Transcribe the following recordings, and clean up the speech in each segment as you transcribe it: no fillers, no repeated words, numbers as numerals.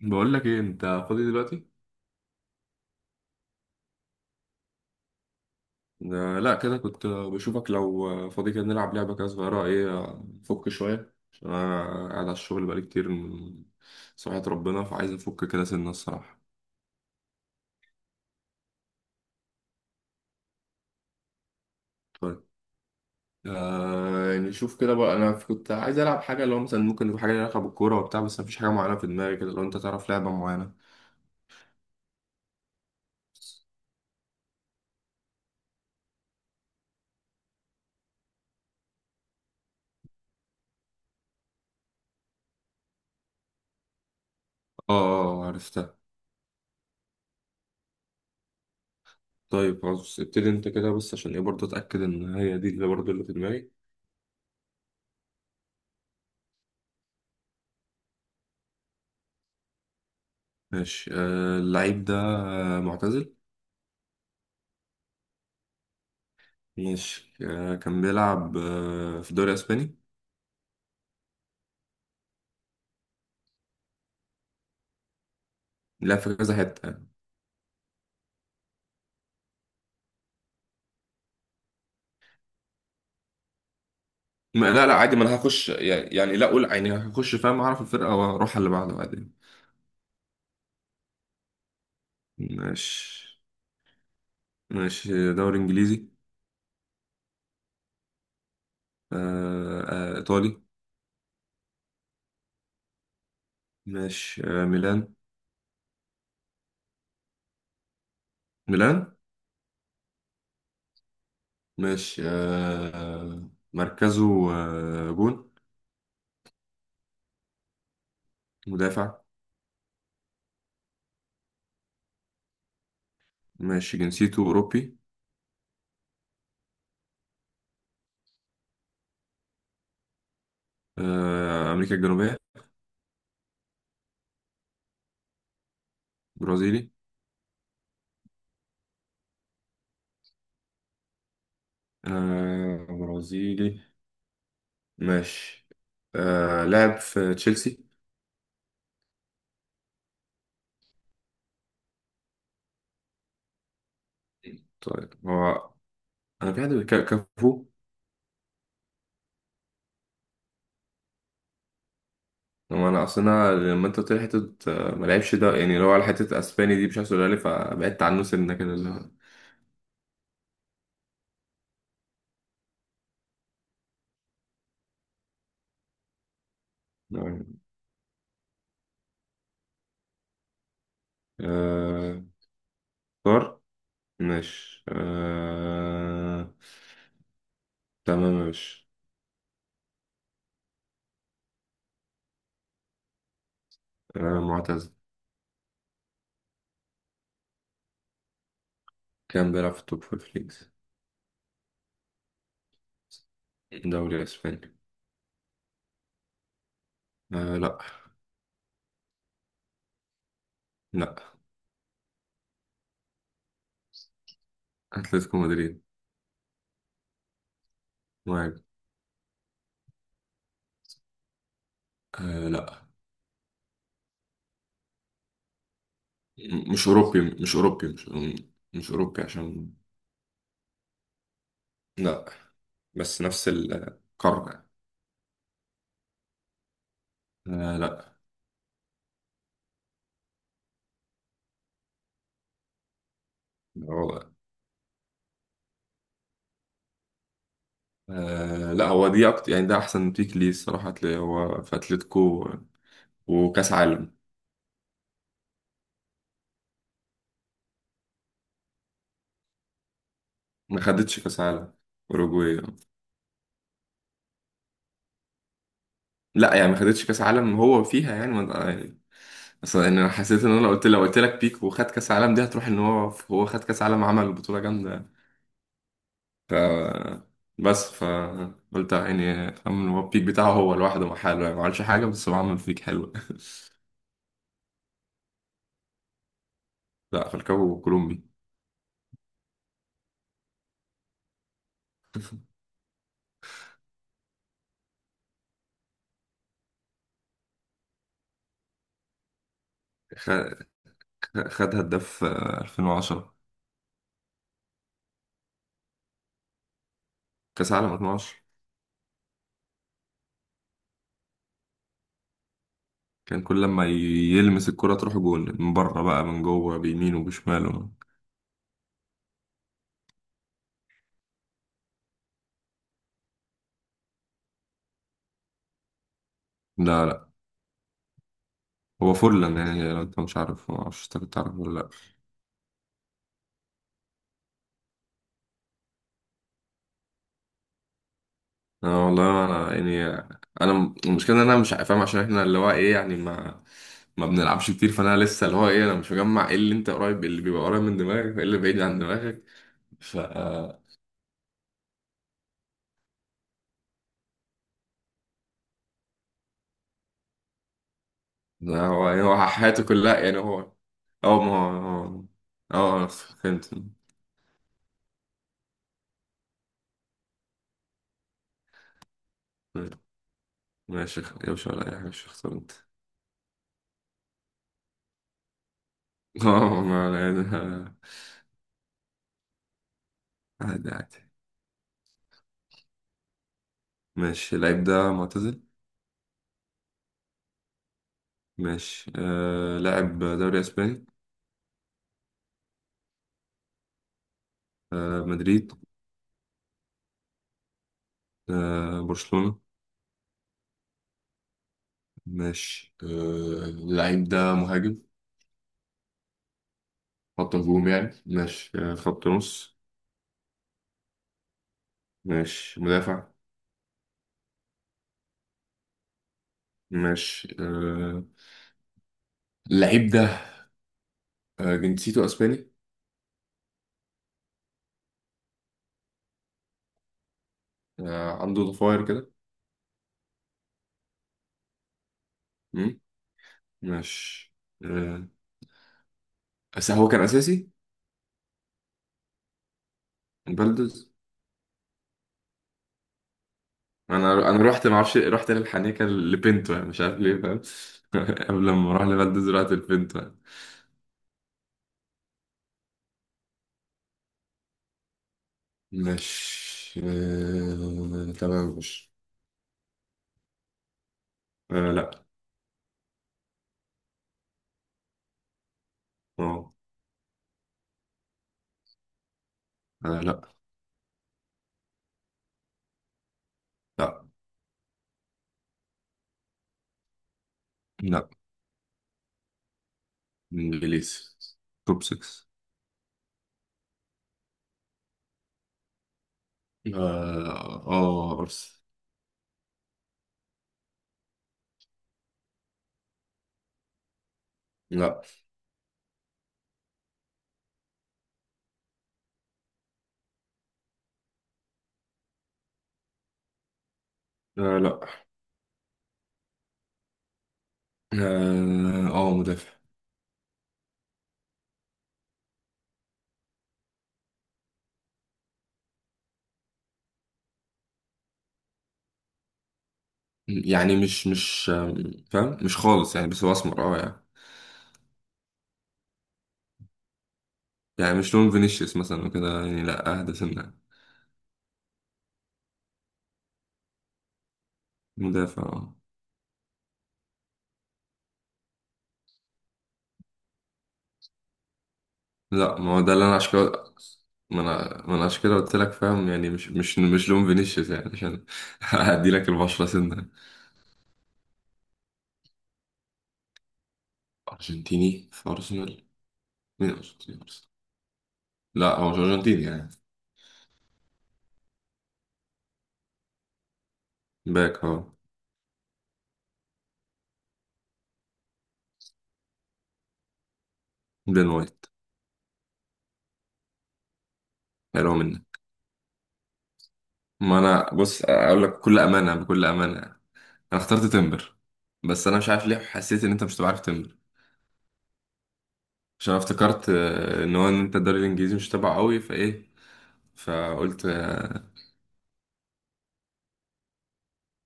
بقول لك ايه، انت فاضي دلوقتي؟ آه، لا كده كنت، بشوفك لو فاضي كده نلعب لعبه كده صغيره، ايه، نفك شويه عشان انا قاعد على الشغل بقالي كتير من صحية ربنا، فعايز افك كده سنه الصراحه. طيب. يعني شوف كده بقى، انا كنت عايز العب حاجه، اللي هو مثلا ممكن يبقى حاجه ليها علاقه بالكوره وبتاع، بس مفيش حاجه معينه في دماغي كده، لو انت تعرف لعبه معينه. اه اه، عرفتها. طيب خلاص، ابتدي انت كده بس عشان ايه برضه اتاكد ان هي دي اللي برضه اللي في دماغي. ماشي. اللعيب ده معتزل. ماشي، كان بيلعب في الدوري الاسباني. لا، في كذا حته يعني. لا لا، عادي، ما انا هخش، يعني لا، اقول يعني هخش، فاهم، اعرف الفرقه واروح على اللي بعده عادي. ماشي. ماشي، دوري انجليزي. ايطالي. ماشي، ميلان. ميلان. ماشي، مركزه جون. مدافع. ماشي، جنسيته اوروبي. امريكا الجنوبيه. برازيلي. برازيلي. ماشي، لعب في تشيلسي. طيب هو، انا في حد كافو. هو انا اصلا، أنا لما انت قلت لي حته ما لعبش، ده يعني اللي هو على حته اسباني دي مش عايز تقولها لي، فبعدت عنه سنه كده اللي هو. نعم. آه طار. ماشي، تمام. ماشي، معتز. كان بيلعب في التوب فور ليجز. دوري اسباني. آه لا. لا. اتلتيكو مدريد. مهاجم. آه لا. مش أوروبي، مش أوروبي، مش أوروبي عشان. لا. بس نفس القارة. آه لا. هو هو دي أكتر يعني، ده أحسن بيك ليه الصراحة، هتلاقي هو في أتلتيكو وكأس عالم. ما خدتش كأس عالم، أوروجواي؟ لا يعني ما خدتش كأس عالم هو فيها يعني ما يعني. أصلا أنا حسيت إن أنا لو قلت لك بيك وخد كأس عالم، دي هتروح إن هو خد كأس عالم، عمل بطولة جامدة. بس فقلت يعني فاهم إن هو البيك بتاعه هو لوحده مع حاله، يعني ما عملش حاجه، بس هو عمل بيك حلو. لا، فالكاو كولومبي. خ- خد هداف 2010، كاس عالم 2010. كان كل لما يلمس الكرة تروح جول، من بره بقى من جوه، بيمينه وبشماله. لا لا، هو فورلان، يعني لو انت مش عارف ما اعرفش، انت كنت عارف ولا؟ اه والله انا يعني، انا المشكله ان انا مش فاهم، عشان احنا اللي هو ايه يعني ما بنلعبش كتير، فانا لسه اللي هو ايه انا مش مجمع ايه اللي انت قريب، اللي بيبقى قريب من دماغك وايه اللي بعيد عن دماغك. ف ده هو يعني، هو حياته كلها يعني هو. اه ما هو اه. اه، أنا فهمت. ماشي يا باشا، ولا اي حاجه، مش اختار انت. اه ما أنا- يعني- عادي عادي. ماشي، اللعيب ده معتزل. ماشي، لاعب دوري اسباني. مدريد. برشلونه. ماشي، اللعيب ده مهاجم. خط هجوم يعني. ماشي، خط نص. ماشي، مدافع. ماشي، اللعيب ده جنسيته اسباني. عنده ضفاير كده. مم، ماشي، آه، بس هو كان اساسي. بلدز. انا رحت، ما اعرفش، رحت للحنيكه لبنتو يعني، مش عارف ليه فاهم. قبل ما اروح لبلدز رحت لبنتو يعني. ماشي، تمام. ماشي، لا. اه، لا لا لا، انجليزي توب 6. اه، ارسنال. لا. آه لا. اه، مدافع. يعني مش فاهم، مش خالص يعني، بس هو اسمر اه يعني. يعني مش لون فينيسيوس مثلا وكده يعني، لا اهدى سنة. مدافع آه. لا، ما هو ده اللي انا عشان كده، ما انا عشان كده قلت لك فاهم، يعني مش لون فينيسيوس يعني، عشان هدي لك البشرة سنة. ارجنتيني في ارسنال؟ مين ارجنتيني في ارسنال؟ لا هو مش ارجنتيني يعني. باك اه. بين وايت. حلوة منك. ما انا بص اقول لك بكل امانه بكل امانه، انا اخترت تمبر، بس انا مش عارف ليه حسيت ان انت مش تبقى عارف تمبر، عشان أنا افتكرت ان هو ان انت الدوري الانجليزي مش تبعه قوي، فايه فقلت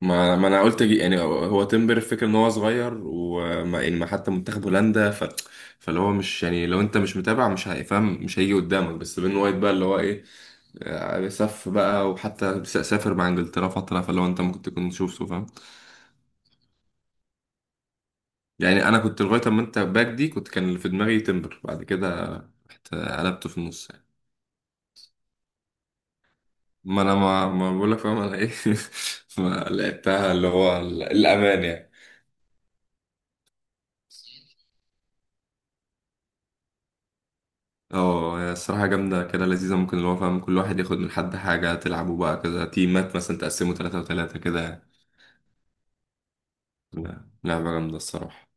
ما انا قلت يعني هو تمبر، الفكره ان هو صغير وما يعني ما، حتى منتخب هولندا ف، فاللي هو مش يعني، لو انت مش متابع مش هيفهم، مش هيجي قدامك، بس بين وايت بقى اللي هو ايه سف بقى، وحتى سافر مع انجلترا فتره، فاللي هو انت ممكن تكون شفته فاهم. يعني انا كنت لغايه اما انت باك دي، كنت كان اللي في دماغي تمبر، بعد كده رحت قلبته في النص يعني. ما انا ما بقول لك فاهم انا ايه. ما لعبتها اللي هو الامان يعني. اه هي الصراحه جامده كده لذيذه، ممكن اللي هو فاهم كل واحد ياخد من حد حاجه، تلعبوا بقى كده تيمات مثلا، تقسموا ثلاثة وثلاثة كده يعني. لا، لعبه جامده الصراحه.